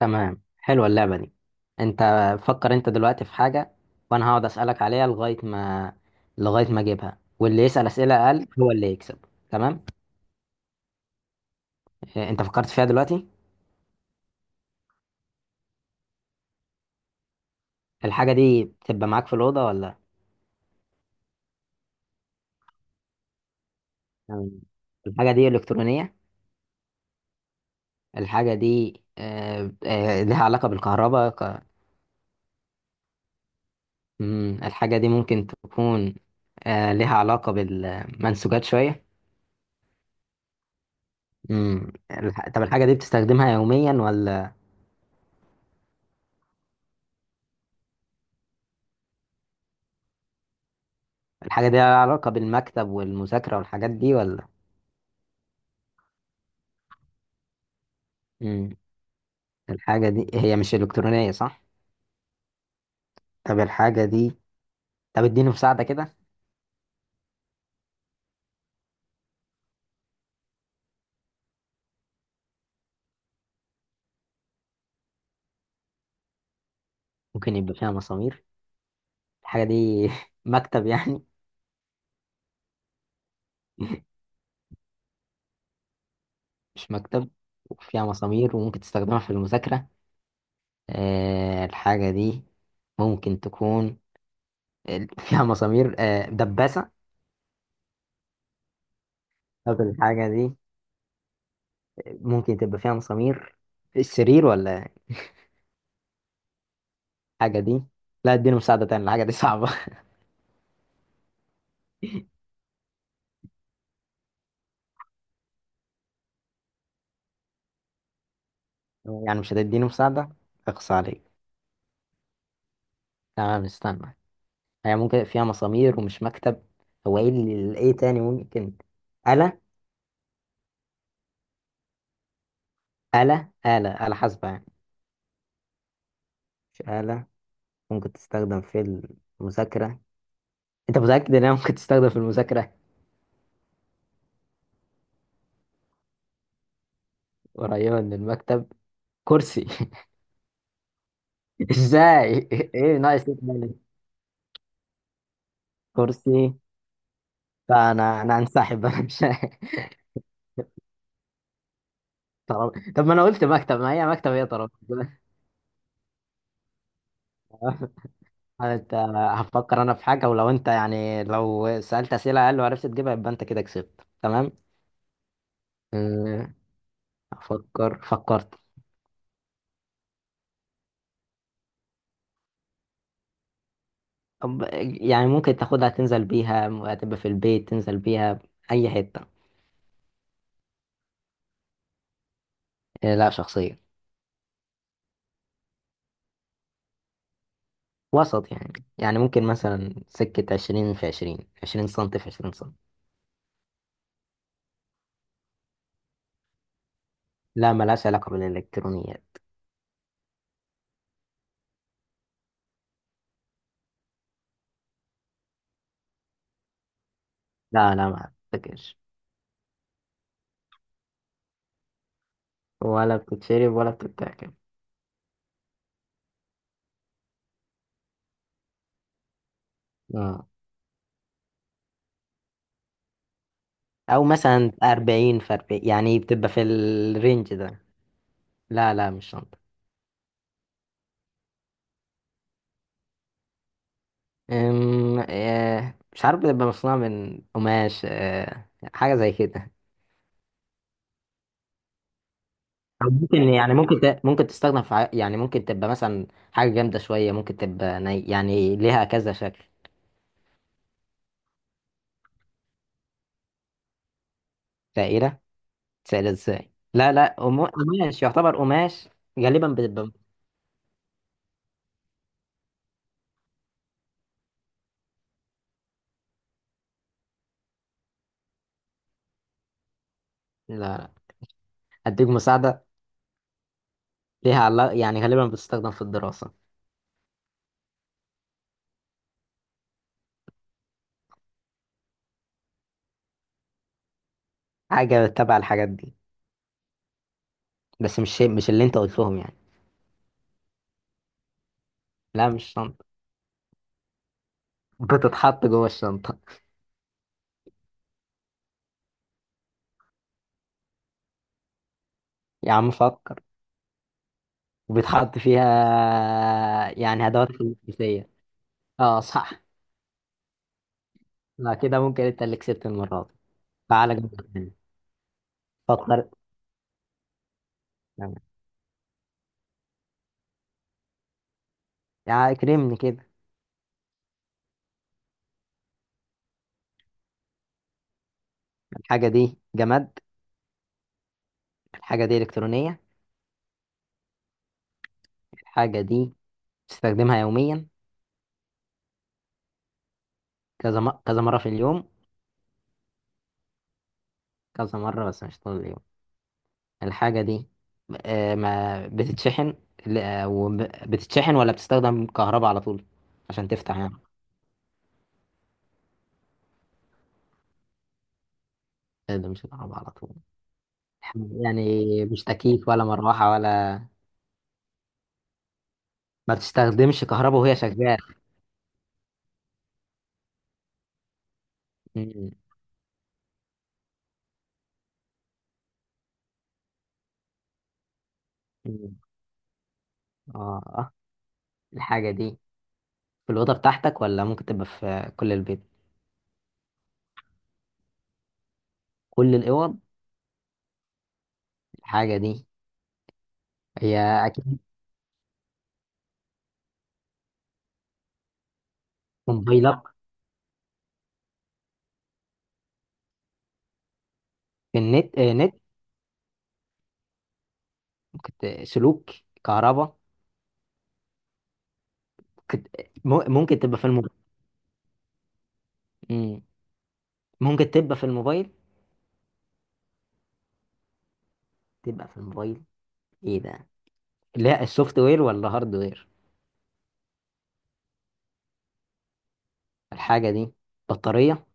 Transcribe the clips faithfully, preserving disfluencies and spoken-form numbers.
تمام، حلوة اللعبة دي. انت، فكر انت دلوقتي في حاجة، وانا هقعد اسألك عليها لغاية ما لغاية ما اجيبها، واللي يسأل اسئلة اقل هو اللي يكسب. تمام. إيه، انت فكرت فيها دلوقتي؟ الحاجة دي بتبقى معاك في الأوضة ولا؟ تمام. الحاجة دي إلكترونية؟ الحاجة دي آه، آه، لها علاقة بالكهرباء ك- مم، الحاجة دي ممكن تكون آه، لها علاقة بالمنسوجات شوية. مم، الح- طب الحاجة دي بتستخدمها يوميا ولا؟ الحاجة دي لها علاقة بالمكتب والمذاكرة والحاجات دي ولا؟ مم. الحاجة دي هي مش إلكترونية صح؟ طب الحاجة دي، طب اديني مساعدة كده. ممكن يبقى فيها مسامير. الحاجة دي مكتب يعني؟ مش مكتب. وفيها مسامير وممكن تستخدمها في المذاكرة. آه الحاجة دي ممكن تكون ال- فيها مسامير آه دباسة. طب الحاجة دي ممكن تبقى فيها مسامير في السرير ولا؟ الحاجة دي، لا اديني مساعدة تاني، الحاجة دي صعبة. يعني مش هتديني مساعدة؟ اقصى عليك. تمام استنى. هي ممكن فيها مسامير ومش مكتب. هو ايه اللي ايه تاني ممكن؟ آلة. آلة آلة آلة حاسبة يعني. مش آلة. ممكن تستخدم في المذاكرة. انت متأكد انها ممكن تستخدم في المذاكرة؟ قريبة من المكتب. كرسي ازاي؟ ايه ناقص إيه تاني؟ كرسي. فانا انا انسحب انا مش. طب طب ما انا قلت مكتب، ما هي مكتب هي ترابيزة. انت، هفكر انا في حاجة، ولو انت يعني لو سألت أسئلة اقل وعرفت تجيبها يبقى انت كده كسبت. تمام. أه، أفكر، فكرت. طب يعني ممكن تاخدها تنزل بيها، هتبقى في البيت تنزل بيها أي حتة. أه، لا، شخصية. وسط يعني، يعني ممكن مثلا سكة عشرين في عشرين، عشرين سنتي في عشرين سنتي. لا ملهاش علاقة بالإلكترونيات. لا لا ما أفتكرش. ولا بتتشرب ولا بتتاكل. اه. أو مثلا أربعين في أربعين يعني بتبقى في الرينج ده. لا لا مش شنطة. أم... أه، مش عارف، بتبقى مصنوعة من قماش، أه، حاجة زي كده. أو ممكن يعني ممكن ت... ممكن تستخدم في ع- يعني ممكن تبقى مثلا حاجة جامدة شوية، ممكن تبقى ني... يعني ليها كذا شكل. سائلة. سائلة ازاي؟ لا لا أم... قماش، يعتبر قماش غالبا بتبقى. لا لا أديك مساعدة. ليها علاقة يعني غالبا بتستخدم في الدراسة. حاجة تبع الحاجات دي بس مش شيء- مش اللي أنت قلتهم يعني. لا مش شنطة، بتتحط جوه الشنطة. يا عم فكر، بيتحط فيها. يعني أدوات الكلية. اه صح. لا كده ممكن أنت اللي كسبت المرة دي. تعالى جنبك. فكر يعني. يعني كرمني كده. الحاجة دي جماد. الحاجة دي إلكترونية. الحاجة دي تستخدمها يوميا. كذا م... كذا مرة في اليوم. كذا مرة بس مش طول اليوم. الحاجة دي آه، ما بتتشحن. ل- آه، وب- بتتشحن ولا بتستخدم كهرباء على طول؟ عشان تفتح يعني. إيه ده، مش كهرباء على طول يعني. مش تكييف ولا مروحة ولا. ما بتستخدمش كهرباء وهي شغالة. مم. مم. اه. الحاجة دي في الأوضة بتاعتك ولا ممكن تبقى في كل البيت؟ كل الاوض. الحاجه دي هي، اكيد، موبايلك. في النت آه، نت. ممكن ت- سلوك كهرباء. ممكن ت- م- ممكن تبقى في الموبايل. مم. ممكن تبقى في الموبايل. تبقى في الموبايل. ايه ده؟ لا السوفت وير ولا هارد وير. الحاجه دي بطاريه.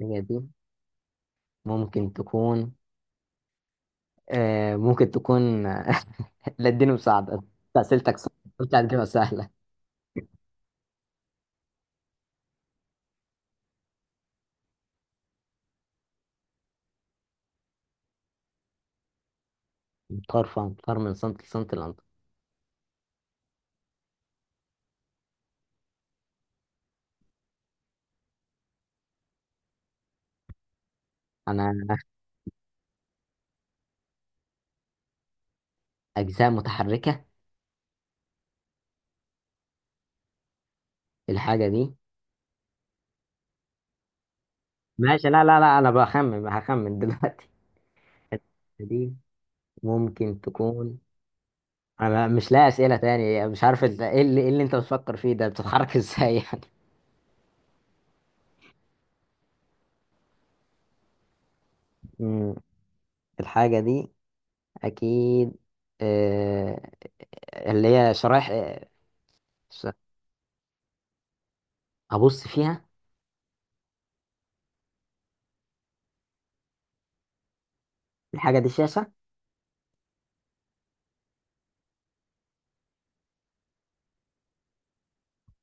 الحاجه دي ممكن تكون، آه ممكن تكون لا اديني مساعده أنت، اسئلتك صعبة، قلت هتجيبها سهله. مطار فمطار من سنت لسنت الأنت. انا. اجزاء متحركه. الحاجه دي. ماشي لا لا لا انا بخمن، هخمن دلوقتي. دي ممكن تكون، انا مش لاقي اسئله تاني، مش عارف إنت- ايه اللي إيه اللي انت بتفكر فيه ده بتتحرك ازاي يعني؟ مم. الحاجه دي اكيد، آه، اللي هي شرايح، آه، ش- ابص فيها. الحاجه دي شاشه.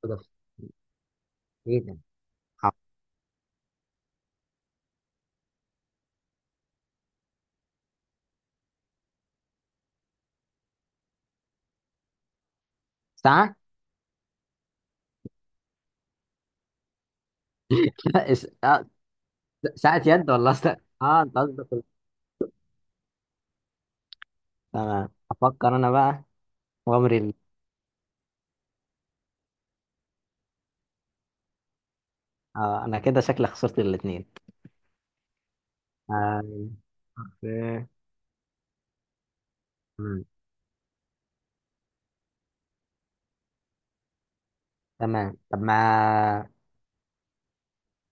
أضف. ايه ده. حاضر. ساعه. لا، إس- آه، ساعه يد ولا قصدك؟ اه انت قصدك ال- تمام افكر انا بقى. وامري ال- آه انا كده شكلي خسرت الاثنين. مم. تمام طب ما.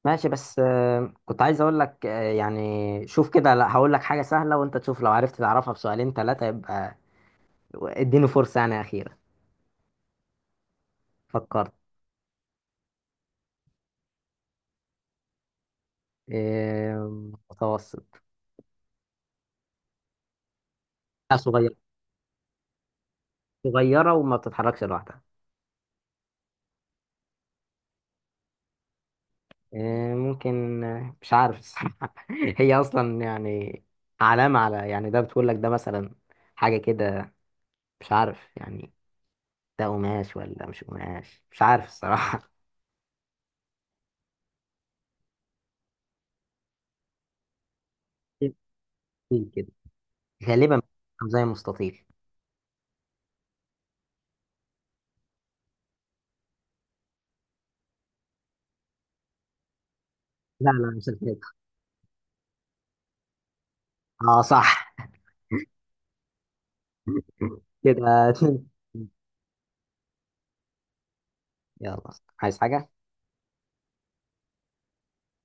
ماشي بس آه، كنت عايز اقول لك آه، يعني شوف كده، لا هقول لك حاجة سهلة وانت تشوف، لو عرفت تعرفها في سؤالين ثلاثة يبقى. اديني فرصة يعني أخيرة. فكرت. آه، متوسط. آه، صغير. صغيرة وما بتتحركش لوحدها. آه، ممكن، آه، مش عارف الصراحة هي أصلا يعني علامة على، يعني ده بتقول لك ده مثلا حاجة كده، مش عارف يعني. ده قماش ولا مش قماش، مش عارف الصراحة. غالبا زي مستطيل. لا لا مش الحيطة. اه صح. كده اتنين. يلا. عايز حاجة.